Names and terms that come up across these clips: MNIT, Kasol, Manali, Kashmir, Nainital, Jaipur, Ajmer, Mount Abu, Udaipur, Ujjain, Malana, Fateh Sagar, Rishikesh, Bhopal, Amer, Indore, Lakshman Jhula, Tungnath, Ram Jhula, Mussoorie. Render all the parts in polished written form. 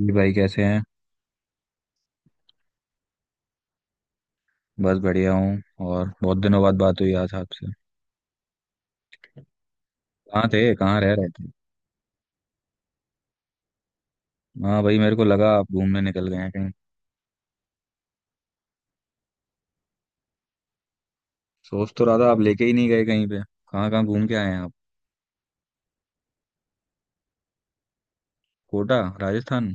जी भाई कैसे हैं। बस बढ़िया हूँ। और बहुत दिनों बाद बात हुई आज आपसे। कहाँ थे? कहाँ रह रहे थे? हाँ भाई, मेरे को लगा आप घूमने निकल गए हैं कहीं। सोच तो रहा था, आप लेके ही नहीं गए कहीं पे। कहाँ कहाँ घूम के आए हैं आप? कोटा राजस्थान?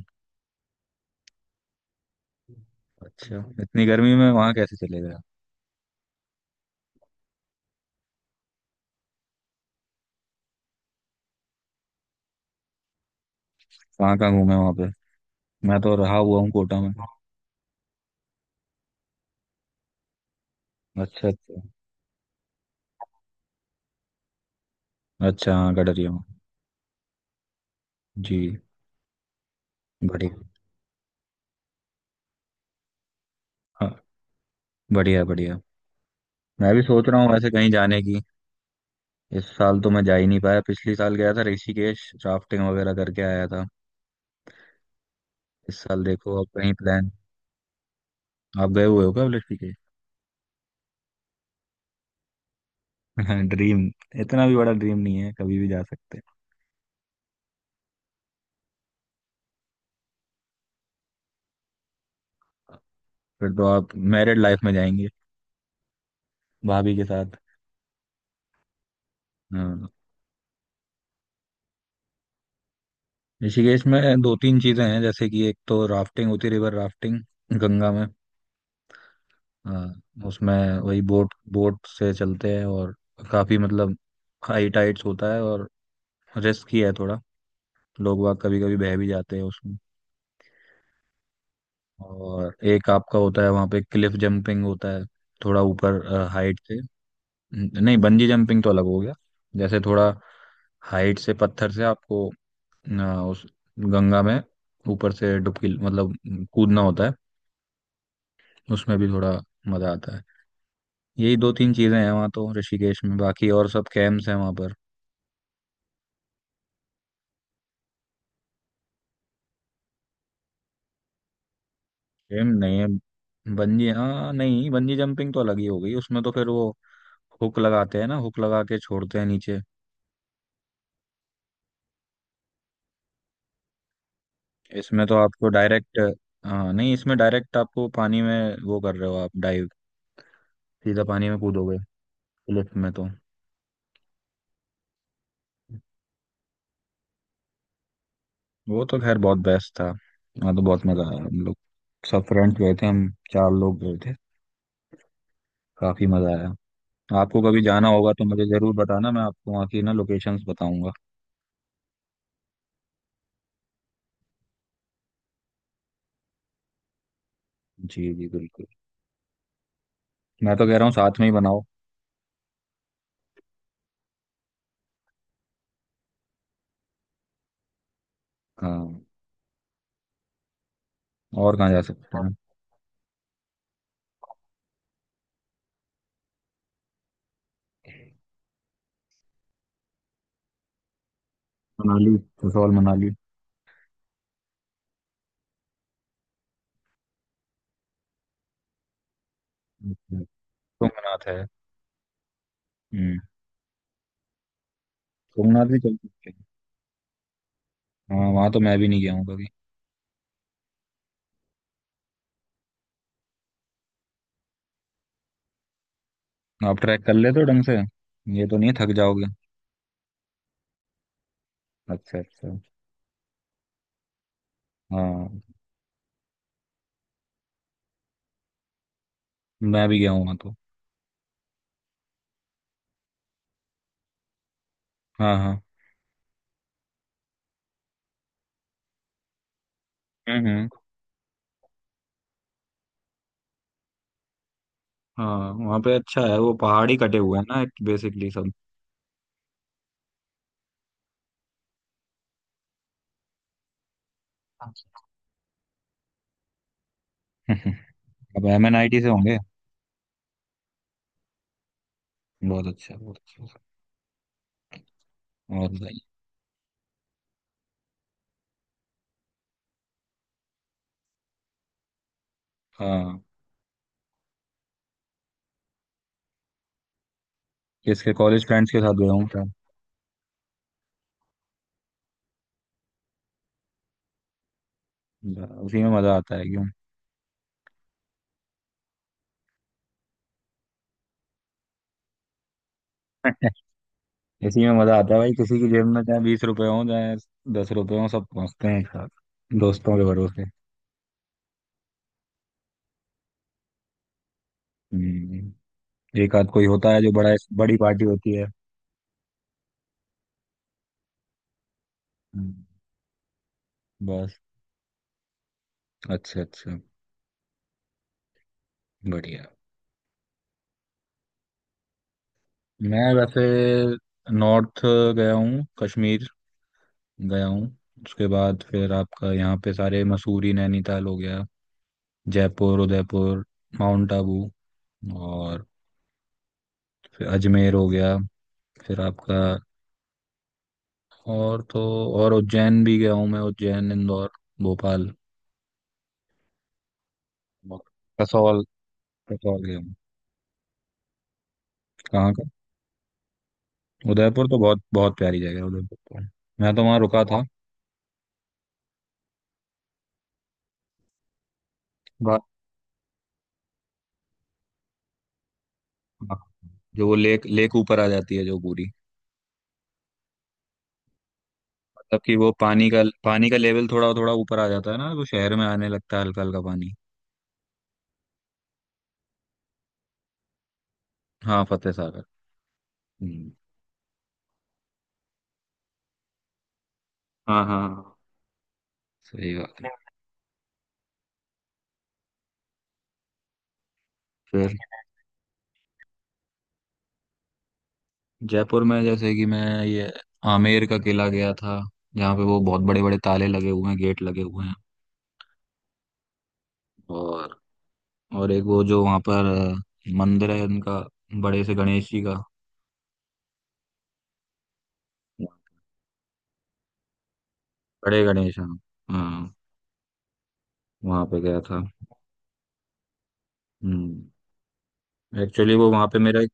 अच्छा। इतनी गर्मी में वहाँ कैसे चले गए आप? कहाँ कहाँ घूमे वहाँ पे? मैं तो रहा हुआ हूँ कोटा में। अच्छा अच्छा। अच्छा हाँ गडरिया में। जी। बढ़िया। हाँ। बढ़िया बढ़िया। मैं भी सोच रहा हूँ वैसे कहीं जाने की। इस साल तो मैं जा ही नहीं पाया, पिछले साल गया था ऋषिकेश, राफ्टिंग वगैरह करके आया था। इस साल देखो आप कहीं प्लान। आप गए हुए हो क्या लड़की के? ड्रीम। इतना भी बड़ा ड्रीम नहीं है, कभी भी जा सकते हैं। फिर तो आप मैरिड लाइफ में जाएंगे, भाभी के साथ। हाँ। ऋषिकेश में दो तीन चीजें हैं, जैसे कि एक तो राफ्टिंग होती है, रिवर राफ्टिंग। गंगा में। हाँ उसमें। वही बोट बोट से चलते हैं। और काफी मतलब हाई टाइड्स होता है। और रिस्क ही है थोड़ा। लोग वाग कभी कभी बह भी जाते हैं उसमें। और एक आपका होता है, वहाँ पे क्लिफ जंपिंग होता है। थोड़ा ऊपर हाइट से। नहीं, बंजी जंपिंग तो अलग हो गया। जैसे थोड़ा हाइट से पत्थर से आपको उस गंगा में ऊपर से डुबकी मतलब कूदना होता है। उसमें भी थोड़ा मजा आता है। यही दो तीन चीजें हैं वहाँ तो ऋषिकेश में, बाकी और सब कैंप्स हैं वहाँ पर। कैंप नहीं है, बंजी। हाँ नहीं, बंजी जंपिंग तो अलग ही हो गई। उसमें तो फिर वो हुक लगाते हैं ना, हुक लगा के छोड़ते हैं नीचे। इसमें तो आपको डायरेक्ट। हाँ नहीं, इसमें डायरेक्ट आपको पानी में वो कर रहे हो आप, डाइव, सीधा पानी में कूदोगे। क्लिफ में तो। वो तो खैर बहुत बेस्ट था। हाँ तो बहुत मजा आया। हम लोग सब फ्रेंड्स गए थे। हम चार लोग गए थे। काफी मजा आया। आपको कभी जाना होगा तो मुझे जरूर बताना, मैं आपको वहाँ की ना लोकेशंस बताऊंगा। जी जी बिल्कुल। मैं तो कह रहा हूँ साथ में ही बनाओ। हाँ। और कहाँ जा सकते हैं? मनाली। कसौल, मनाली। तुंगनाथ है। हम्म। तुंगनाथ भी चल सकते हैं। हाँ वहाँ तो मैं भी नहीं गया हूँ कभी। आप ट्रैक कर लेते हो ढंग से? ये तो नहीं थक जाओगे? अच्छा अच्छा। हाँ। मैं भी गया हूँ वहाँ तो। हाँ हाँ। हम्म। हाँ वहाँ पे अच्छा है, वो पहाड़ ही कटे हुए हैं ना बेसिकली सब। हाँ। अब MNIT से होंगे। बहुत अच्छा बहुत अच्छा। और बताइए। हाँ। किसके कॉलेज फ्रेंड्स के साथ गया हूँ क्या? उसी में मजा आता है क्यों? इसी में मजा आता है भाई। किसी की जेब में चाहे 20 रुपए हो, चाहे 10 रुपए हो, सब पहुंचते हैं एक साथ दोस्तों के भरोसे। हम्म, एक आध कोई होता है जो बड़ा। बड़ी पार्टी होती है। हम्म, बस। अच्छा अच्छा। बढ़िया। मैं वैसे नॉर्थ गया हूँ। कश्मीर गया हूँ। उसके बाद फिर आपका यहाँ पे सारे मसूरी नैनीताल हो गया, जयपुर उदयपुर, माउंट आबू, और फिर अजमेर हो गया। फिर आपका। और तो और, उज्जैन भी गया हूँ मैं, उज्जैन इंदौर भोपाल। और कसौल, कसौल गया हूँ। कहाँ का? उदयपुर तो बहुत बहुत प्यारी जगह है, उदयपुर तो मैं तो वहाँ रुका था। बा- जो वो लेक लेक ऊपर आ जाती है जो पूरी। मतलब कि वो पानी का लेवल थोड़ा थोड़ा ऊपर आ जाता है ना, तो शहर में आने लगता है हल्का हल्का पानी। हाँ फतेह सागर। हम्म। हाँ हाँ। सही बात है हाँ। फिर जयपुर में जैसे कि मैं ये आमेर का किला गया था, जहाँ पे वो बहुत बड़े बड़े ताले लगे हुए हैं, गेट लगे हुए हैं। और और एक वो जो वहाँ पर मंदिर है उनका, बड़े से गणेश जी का। बड़े गणेश हाँ। हाँ वहाँ पे गया था। हम्म एक्चुअली वो वहाँ पे मेरा एक,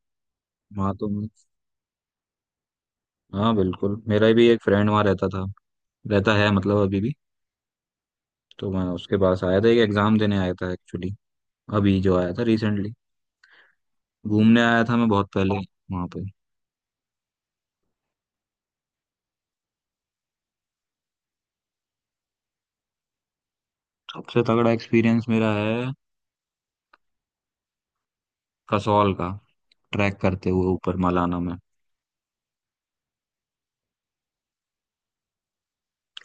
वहाँ तो, हाँ बिल्कुल, मेरा भी एक फ्रेंड वहाँ रहता था, रहता है मतलब अभी भी। तो मैं उसके पास आया था, एक एग्जाम देने आया था एक्चुअली। अभी जो आया था रिसेंटली। घूमने आया था मैं बहुत पहले वहां पे। सबसे तगड़ा एक्सपीरियंस मेरा है कसौल का, ट्रैक करते हुए ऊपर मलाना में।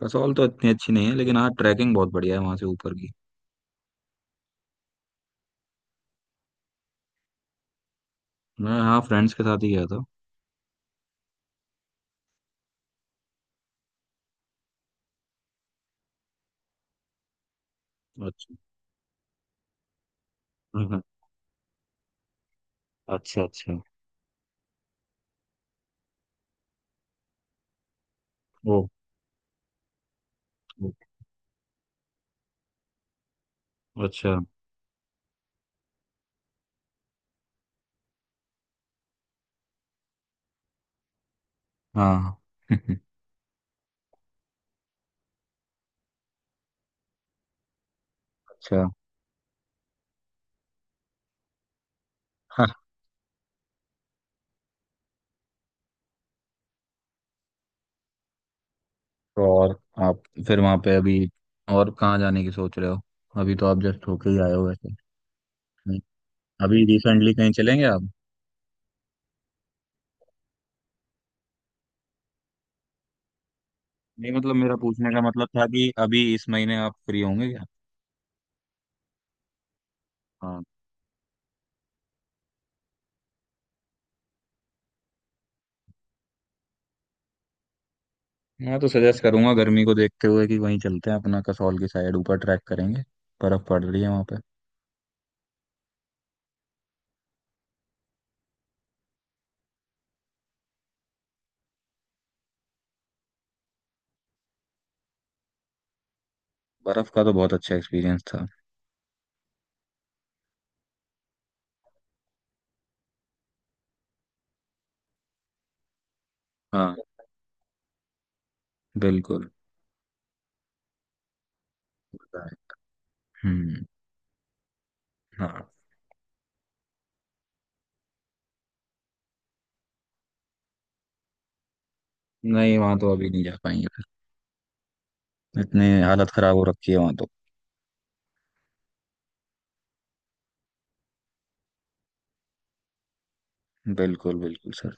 कसौल तो इतनी अच्छी नहीं है, लेकिन हाँ ट्रैकिंग बहुत बढ़िया है वहां से ऊपर की। मैं हाँ फ्रेंड्स के साथ ही गया था। अच्छा। हम्म। अच्छा अच्छा। ओ। ओ। अच्छा। हाँ। अच्छा हाँ। तो और आप फिर वहां पे अभी और कहाँ जाने की सोच रहे हो? अभी तो आप जस्ट होके ही आए हो वैसे। नहीं, अभी रिसेंटली कहीं चलेंगे आप? नहीं मतलब, मेरा पूछने का मतलब था कि अभी इस महीने आप फ्री होंगे? हाँ। मैं तो सजेस्ट करूंगा, गर्मी को देखते हुए कि वहीं चलते हैं अपना, कसौल की साइड, ऊपर ट्रैक करेंगे, बर्फ पड़ रही है वहां पे। बर्फ का तो बहुत अच्छा एक्सपीरियंस था। हाँ बिल्कुल। पता है। हम्म। हाँ। नहीं वहां तो अभी नहीं जा पाएंगे फिर, इतनी हालत खराब हो रखी है वहां तो। बिल्कुल बिल्कुल सर।